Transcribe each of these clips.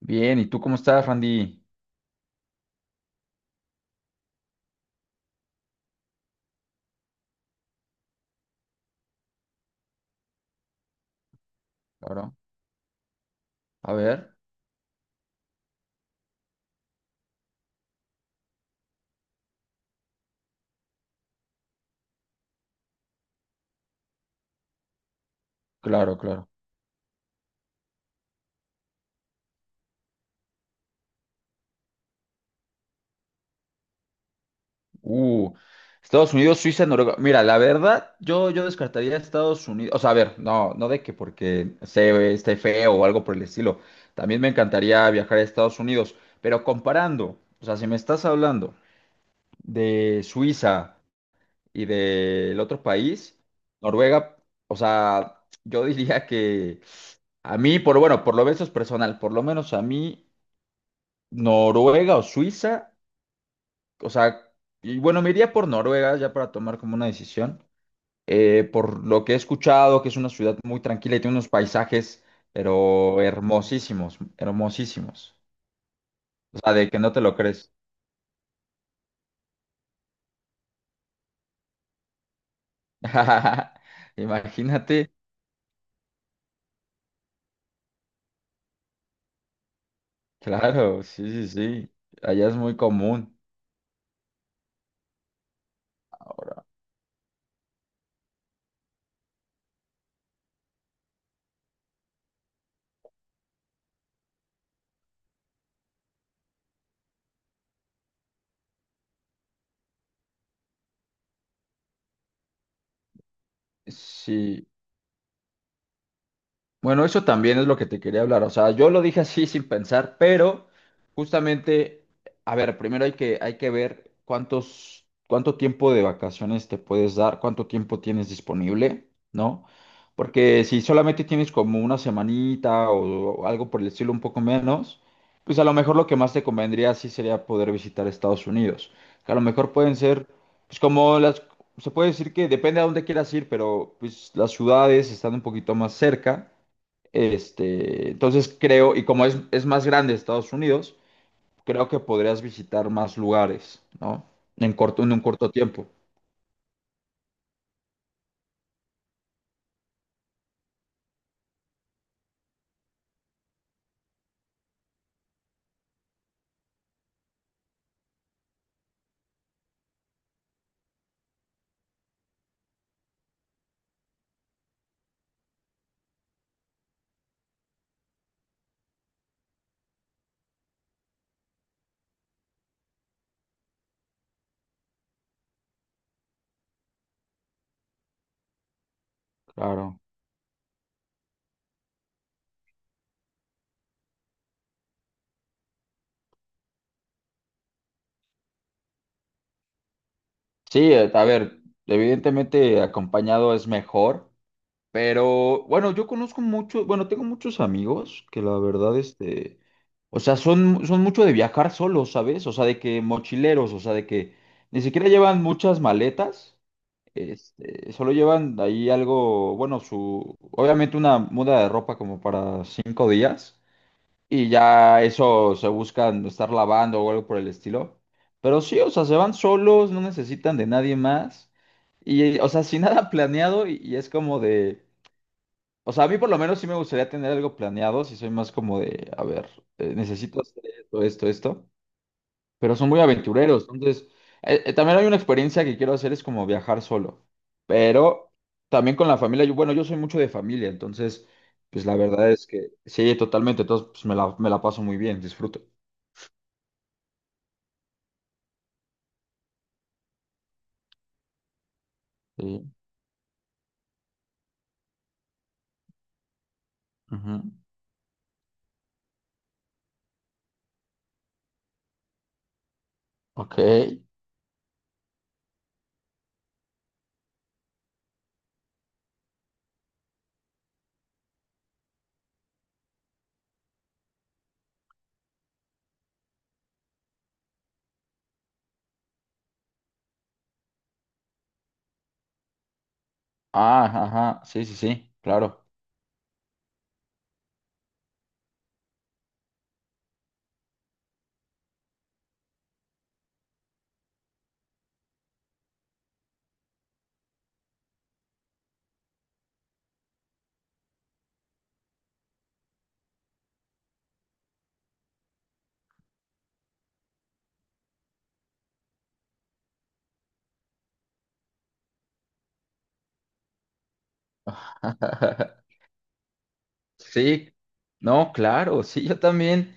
Bien, ¿y tú cómo estás, Randy? Claro. A ver, claro, claro. Uh, Estados Unidos, Suiza, Noruega. Mira, la verdad, yo descartaría a Estados Unidos. O sea, a ver, no de que porque se esté feo o algo por el estilo. También me encantaría viajar a Estados Unidos. Pero comparando, o sea, si me estás hablando de Suiza y del otro país, Noruega, o sea, yo diría que a mí, por bueno, por lo menos es personal, por lo menos a mí. Noruega o Suiza. O sea, y bueno, me iría por Noruega ya para tomar como una decisión. Por lo que he escuchado, que es una ciudad muy tranquila y tiene unos paisajes, pero hermosísimos, hermosísimos. O sea, de que no te lo crees. Imagínate, claro, sí, sí, sí. Allá es muy común. Ahora, sí. Bueno, eso también es lo que te quería hablar. O sea, yo lo dije así sin pensar, pero justamente, a ver, primero hay que ver cuántos, cuánto tiempo de vacaciones te puedes dar, cuánto tiempo tienes disponible, ¿no? Porque si solamente tienes como una semanita o algo por el estilo un poco menos, pues a lo mejor lo que más te convendría sí sería poder visitar Estados Unidos. Que a lo mejor pueden ser, pues como las, se puede decir que depende a dónde quieras ir, pero pues las ciudades están un poquito más cerca. Este, entonces creo, y como es más grande Estados Unidos, creo que podrías visitar más lugares, ¿no? En corto, en un corto tiempo. Claro. Sí, a ver, evidentemente acompañado es mejor, pero bueno, yo conozco mucho, bueno, tengo muchos amigos que la verdad, este, o sea, son, son mucho de viajar solos, ¿sabes? O sea, de que mochileros, o sea, de que ni siquiera llevan muchas maletas. Este, solo llevan ahí algo, bueno, su, obviamente una muda de ropa como para 5 días y ya eso se buscan estar lavando o algo por el estilo. Pero sí, o sea, se van solos, no necesitan de nadie más y, o sea, sin nada planeado y es como de, o sea, a mí por lo menos sí me gustaría tener algo planeado, si soy más como de, a ver, necesito hacer esto, esto, esto, pero son muy aventureros. Entonces, también hay una experiencia que quiero hacer, es como viajar solo, pero también con la familia. Yo, bueno, yo soy mucho de familia, entonces, pues la verdad es que sí, totalmente. Entonces, pues me la paso muy bien, disfruto. Sí. Ujú. Ok. Ah, ajá. Sí, sí, sí, claro. Sí, no, claro, sí, yo también.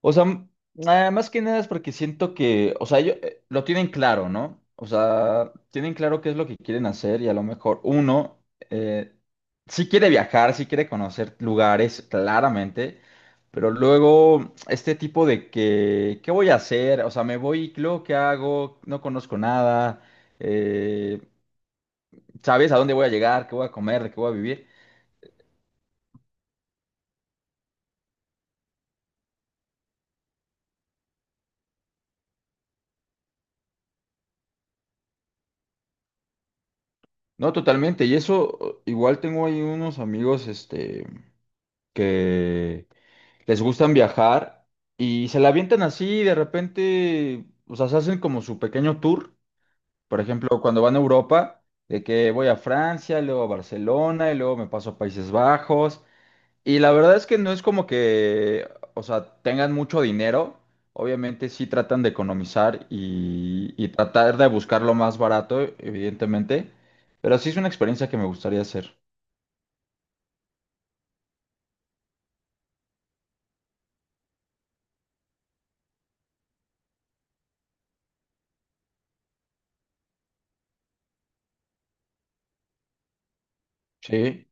O sea, m- nada más que nada es porque siento que, o sea, ellos lo tienen claro, ¿no? O sea, tienen claro qué es lo que quieren hacer y a lo mejor uno eh, sí quiere viajar, sí quiere conocer lugares, claramente, pero luego este tipo de que, ¿qué voy a hacer? O sea, me voy, y luego, ¿qué hago? No conozco nada, eh, ¿sabes a dónde voy a llegar? ¿Qué voy a comer? ¿De qué voy a vivir? No, totalmente. Y eso, igual tengo ahí unos amigos, este, que... les gustan viajar y se la avientan así y de repente, o sea, se hacen como su pequeño tour. Por ejemplo, cuando van a Europa, de que voy a Francia, luego a Barcelona y luego me paso a Países Bajos. Y la verdad es que no es como que, o sea, tengan mucho dinero. Obviamente sí tratan de economizar y tratar de buscar lo más barato, evidentemente. Pero sí es una experiencia que me gustaría hacer. Sí,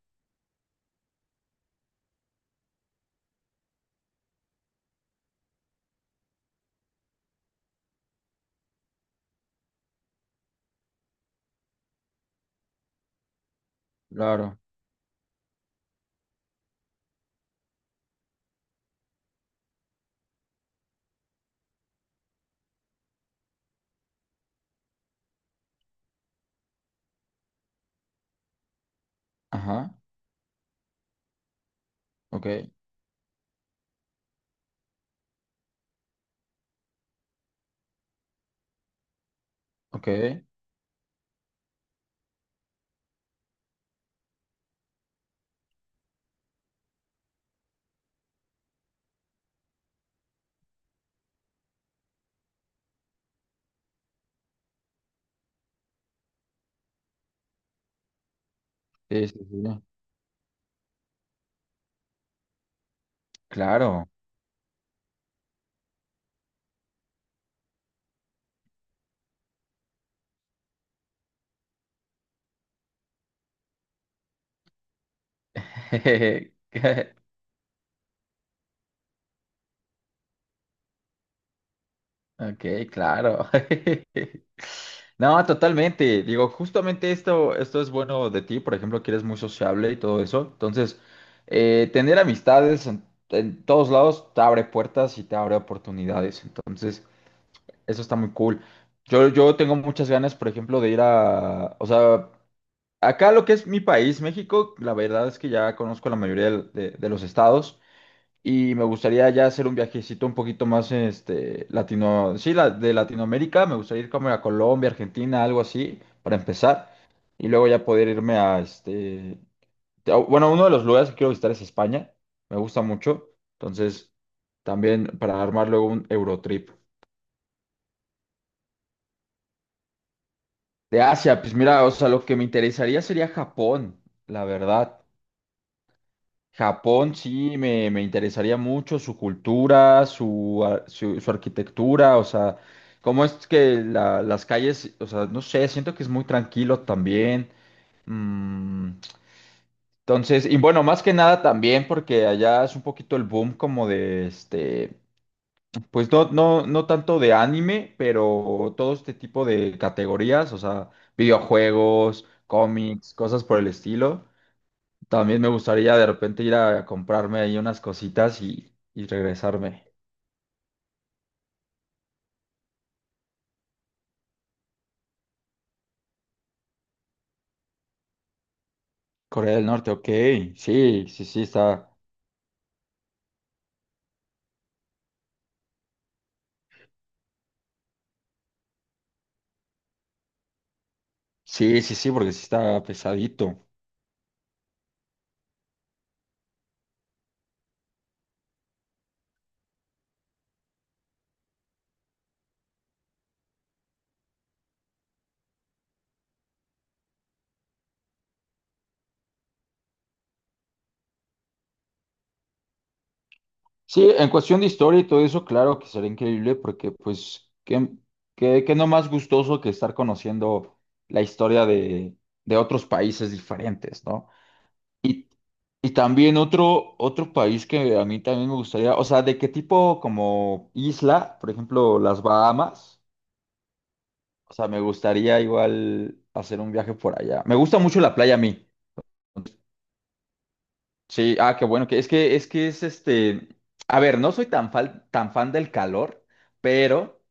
claro. Ajá, ok, ok. Sí, sí, sí. Claro. Ok, claro. No, totalmente. Digo, justamente esto, esto es bueno de ti. Por ejemplo, que eres muy sociable y todo eso. Entonces, tener amistades en todos lados te abre puertas y te abre oportunidades. Entonces, eso está muy cool. Yo tengo muchas ganas, por ejemplo, de ir a, o sea, acá lo que es mi país, México, la verdad es que ya conozco la mayoría de los estados. Y me gustaría ya hacer un viajecito un poquito más, este, latino, sí, la, de Latinoamérica. Me gustaría ir como a Colombia, Argentina, algo así, para empezar. Y luego ya poder irme a, este, a- bueno, uno de los lugares que quiero visitar es España. Me gusta mucho. Entonces, también para armar luego un Eurotrip. De Asia, pues mira, o sea, lo que me interesaría sería Japón, la verdad. Japón sí me interesaría mucho su cultura, su, ar- su arquitectura, o sea, cómo es que la- las calles, o sea, no sé, siento que es muy tranquilo también. Mm, entonces, y bueno, más que nada también porque allá es un poquito el boom como de este, pues no, no, no tanto de anime, pero todo este tipo de categorías, o sea, videojuegos, cómics, cosas por el estilo. También me gustaría de repente ir a comprarme ahí unas cositas y regresarme. Corea del Norte, ok. Sí, sí, sí, está. Sí, sí, sí, porque sí está pesadito. Sí, en cuestión de historia y todo eso, claro que sería increíble porque pues, qué, qué, qué no más gustoso que estar conociendo la historia de otros países diferentes, ¿no? Y, y también otro, otro país que a mí también me gustaría, o sea, ¿de qué tipo como isla? Por ejemplo, las Bahamas. O sea, me gustaría igual hacer un viaje por allá. Me gusta mucho la playa a mí. Sí, ah, qué bueno, que es que es que es este, a ver, no soy tan fan del calor, pero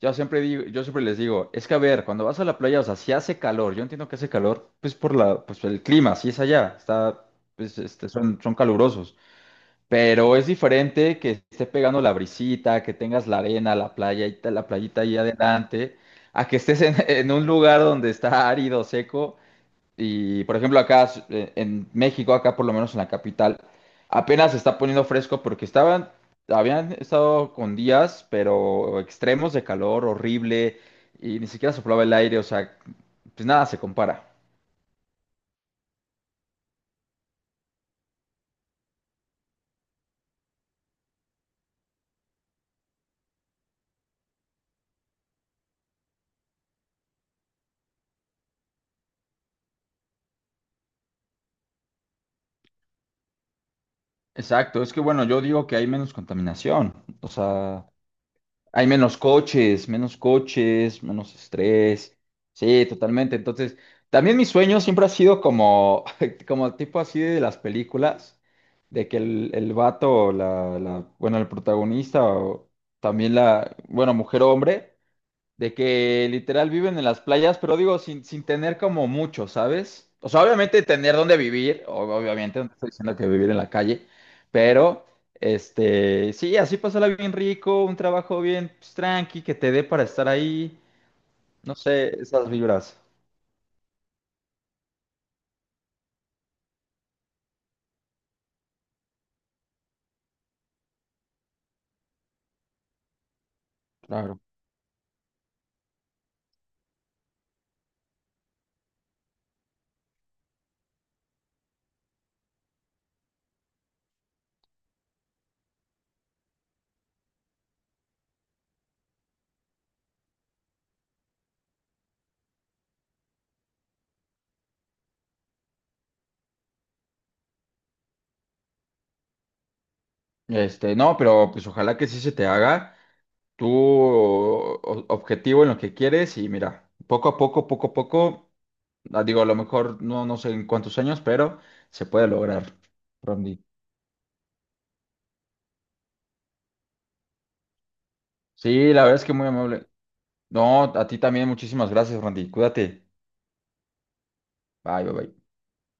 yo siempre digo, yo siempre les digo, es que a ver, cuando vas a la playa, o sea, si hace calor, yo entiendo que hace calor, pues por la, pues el clima, si es allá, está, pues este, son, son calurosos. Pero es diferente que esté pegando la brisita, que tengas la arena, la playa, y ta- la playita ahí adelante, a que estés en, en un lugar donde está árido, seco. Y por ejemplo, acá en México, acá por lo menos en la capital, apenas se está poniendo fresco porque estaban, habían estado con días, pero extremos de calor horrible y ni siquiera soplaba el aire, o sea, pues nada se compara. Exacto, es que bueno, yo digo que hay menos contaminación, o sea. Hay menos coches, menos coches, menos estrés. Sí, totalmente. Entonces, también mi sueño siempre ha sido como, como tipo así de las películas, de que el vato, o la, bueno, el protagonista, o también la, bueno, mujer o hombre de que literal viven en las playas, pero digo, sin, sin tener como mucho, ¿sabes? O sea, obviamente tener dónde vivir, o- obviamente no te estoy diciendo que vivir en la calle, pero este, sí, así pasarla bien rico, un trabajo bien pues, tranqui, que te dé para estar ahí, no sé, esas vibras. Claro. Este, no, pero pues ojalá que sí se te haga tu o- objetivo en lo que quieres y mira, poco a poco, poco a poco. Ah, digo, a lo mejor no, no sé en cuántos años, pero se puede lograr, Randy. Sí, la verdad es que muy amable. No, a ti también, muchísimas gracias, Randy. Cuídate. Bye, bye, bye.